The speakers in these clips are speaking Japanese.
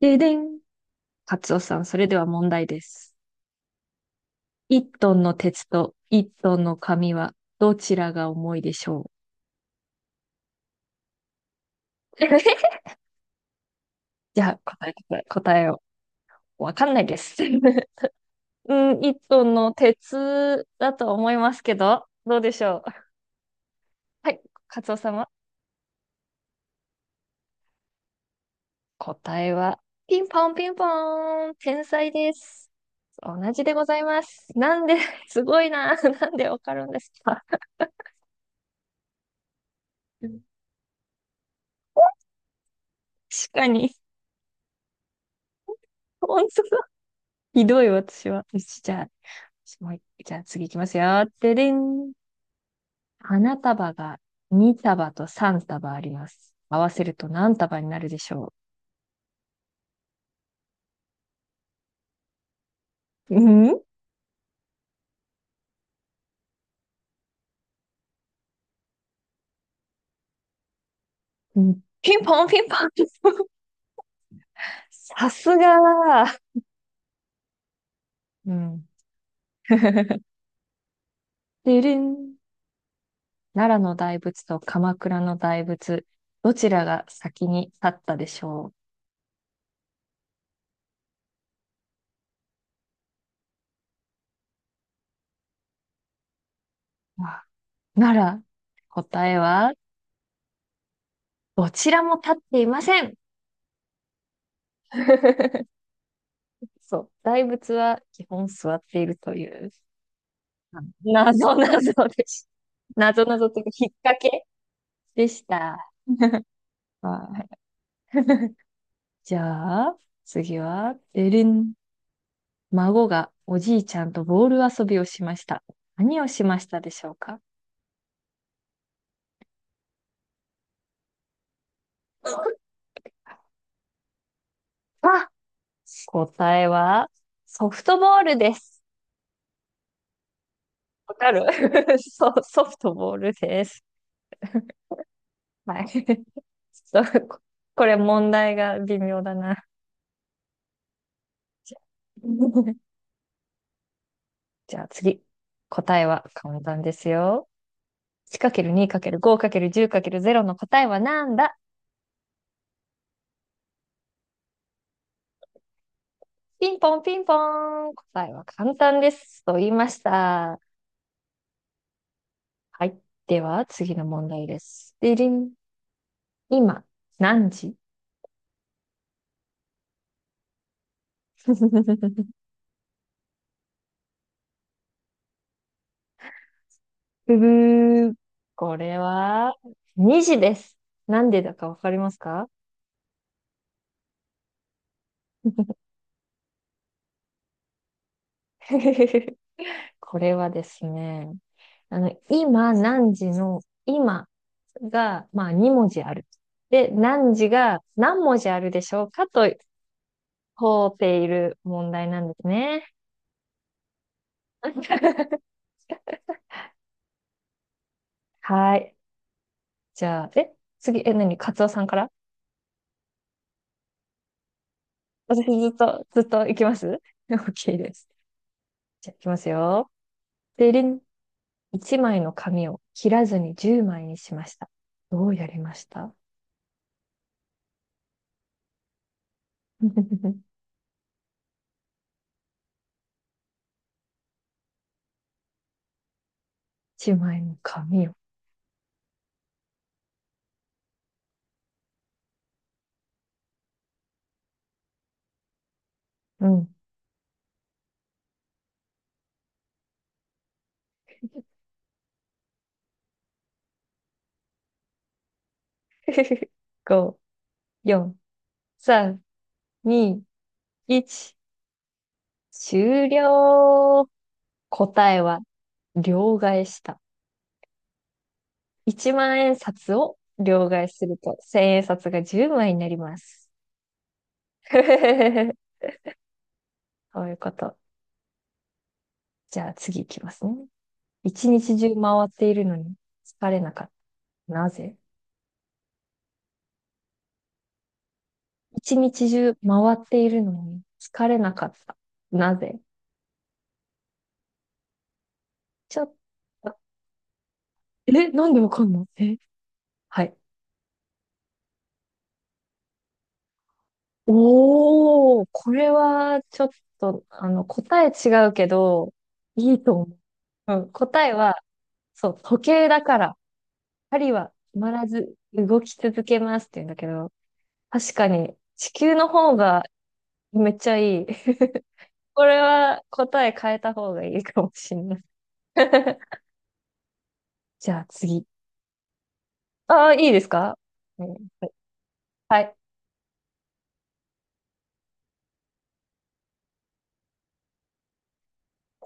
ででん。カツオさん、それでは問題です。一トンの鉄と一トンの紙はどちらが重いでしょう。 じゃあ、答えてくれ、答えを。わかんないです。うん、一トンの鉄だと思いますけど、どうでしょう。はい、カツオ様。答えは、ピンポンピンポーン、天才です。同じでございます。なんで、すごいな。なんでわかるんですか。確かに。本当だ。ひどい、私は。よしじゃあ、すごい。じゃあ次行きますよ。ででん。花束が2束と3束あります。合わせると何束になるでしょう。うんうん、ピンポンピンポン。さすが。ーうん。ででん。奈良の大仏と鎌倉の大仏、どちらが先に立ったでしょう。わあ、奈良、答えは、どちらも立っていません。そう。大仏は基本座っているという。謎謎でした。謎謎というか、引っ掛けでした。はい。じゃあ、次は、でるん。孫がおじいちゃんとボール遊びをしました。何をしましたでしょうか。あ、答えは、ソフトボールです。わかる。 そう、ソフトボールです。はい。ちょっと、これ問題が微妙だな。じゃあ次。答えは簡単ですよ。1×2×5×10×0 の答えはなんだ。ピンポンピンポーン。答えは簡単です。と言いました。はい。では次の問題です。でりん。今、何時。 ブブー。 これは、2時です。なんでだかわかりますか。 これはですね、今何時の、今が、まあ、2文字ある。で、何時が何文字あるでしょうかと問うている問題なんですね。はい。じゃあ、え、次、え、何、カツオさんから、私ずっと、ずっと行きます ?OK です。じゃあ、行きますよ。でりん。1枚の紙を切らずに10枚にしました。どうやりました ?1 枚の紙を。うん。5、4、3、2、1。終了。答えは、両替した。1万円札を両替すると、千円札が10枚になります。そういうこと。じゃあ次いきますね。一日中回っているのに疲れなかった。なぜ。一日中回っているのに疲れなかった。なぜ。ちょっと、え、なんでわかんの、え、はい。おお、これはちょっと、答え違うけど、いいと思う。うん、答えは、そう、時計だから、針は止まらず動き続けますって言うんだけど、確かに、地球の方がめっちゃいい。これは答え変えた方がいいかもしんない。じゃあ次。ああ、いいですか、うん、はい。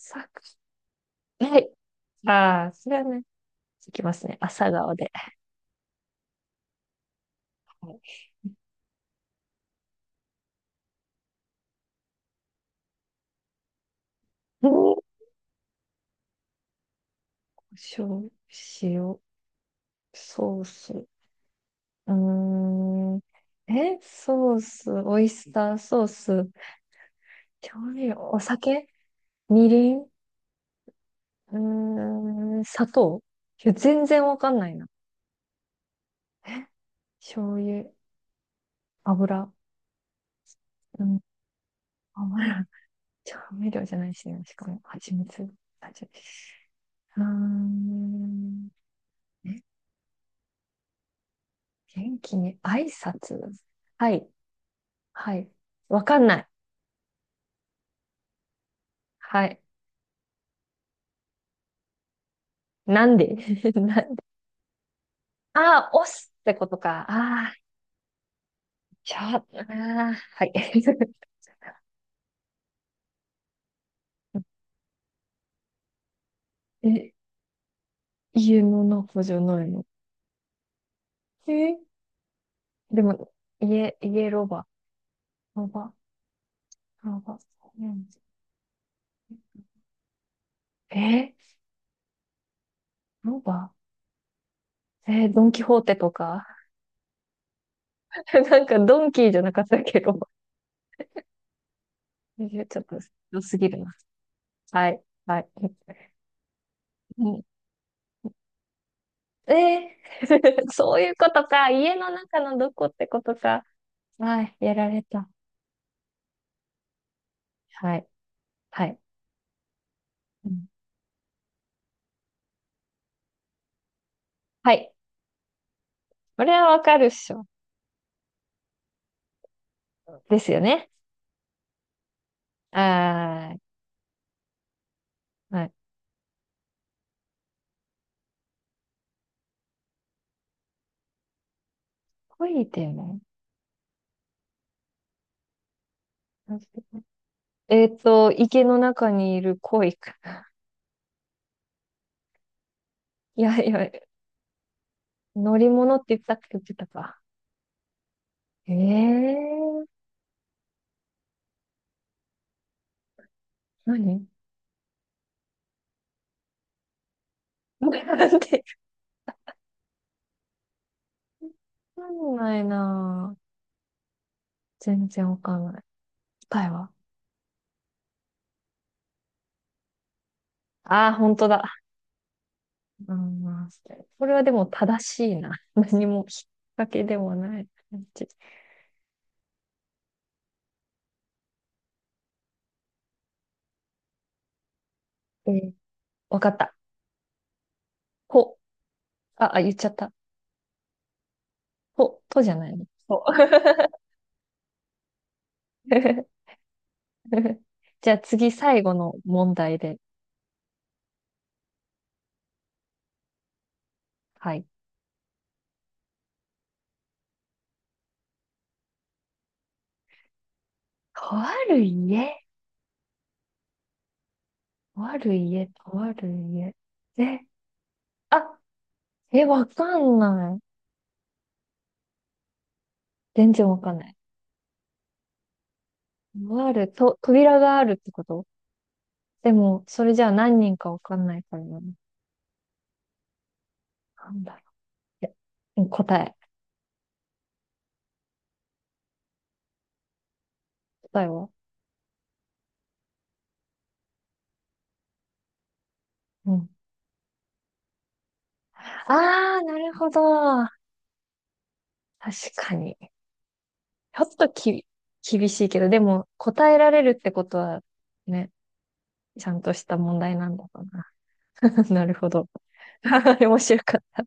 さ、はい。ああ、それはね、いきますね。朝顔で。はい。塩、塩、ソース。うーん。え、ソース、オイスターソース、調味料、お酒、みりん、うーん、砂糖。いや、全然わかんないな。え、醤油、油、うん、油。調味料じゃないしね、しかも、蜂蜜。蜂蜜。うーん。元気に挨拶。はい、はい。わかんない。はい。なんで。 な。ああ、押すってことか。ああ、ちょ、ああ、はい。え、家の中じゃないの。え、でも、家、家ロバ。ロバ、ロバ。え、ロバ、え、ドンキホーテとか。なんか、ドンキーじゃなかったっけ、ロバ。え、ちょっと、良すぎるな。はい、はい。うん、ええ。 そういうことか。家の中のどこってことか。はい、やられた。はい、はい。うん、はい。これはわかるっしょ。ですよね。あー、はい。恋でも。えっと、池の中にいる恋か。いやいや、乗り物って言ったっけ、言ってたか。ええー、何、なんで、わかんないなぁ。全然わかんない。答えは。ああー、本当だ。うん、これはでも正しいな。何も引っ掛けでもない感じ。えー、わかった。ほ。あ、あ、言っちゃった。ほ、とじゃないの。ほ。じゃあ次最後の問題で。はい。とある家。とある家、とある家。え、あ、え、わかんない。全然わかんない。とある、と、扉があるってこと。でも、それじゃあ何人かわかんないからな。なんだろう。え、うん、答え。答えは。うん。あー、なるほど。確かに。ちょっとき、厳しいけど、でも答えられるってことはね、ちゃんとした問題なんだろうな。なるほど。面白かった。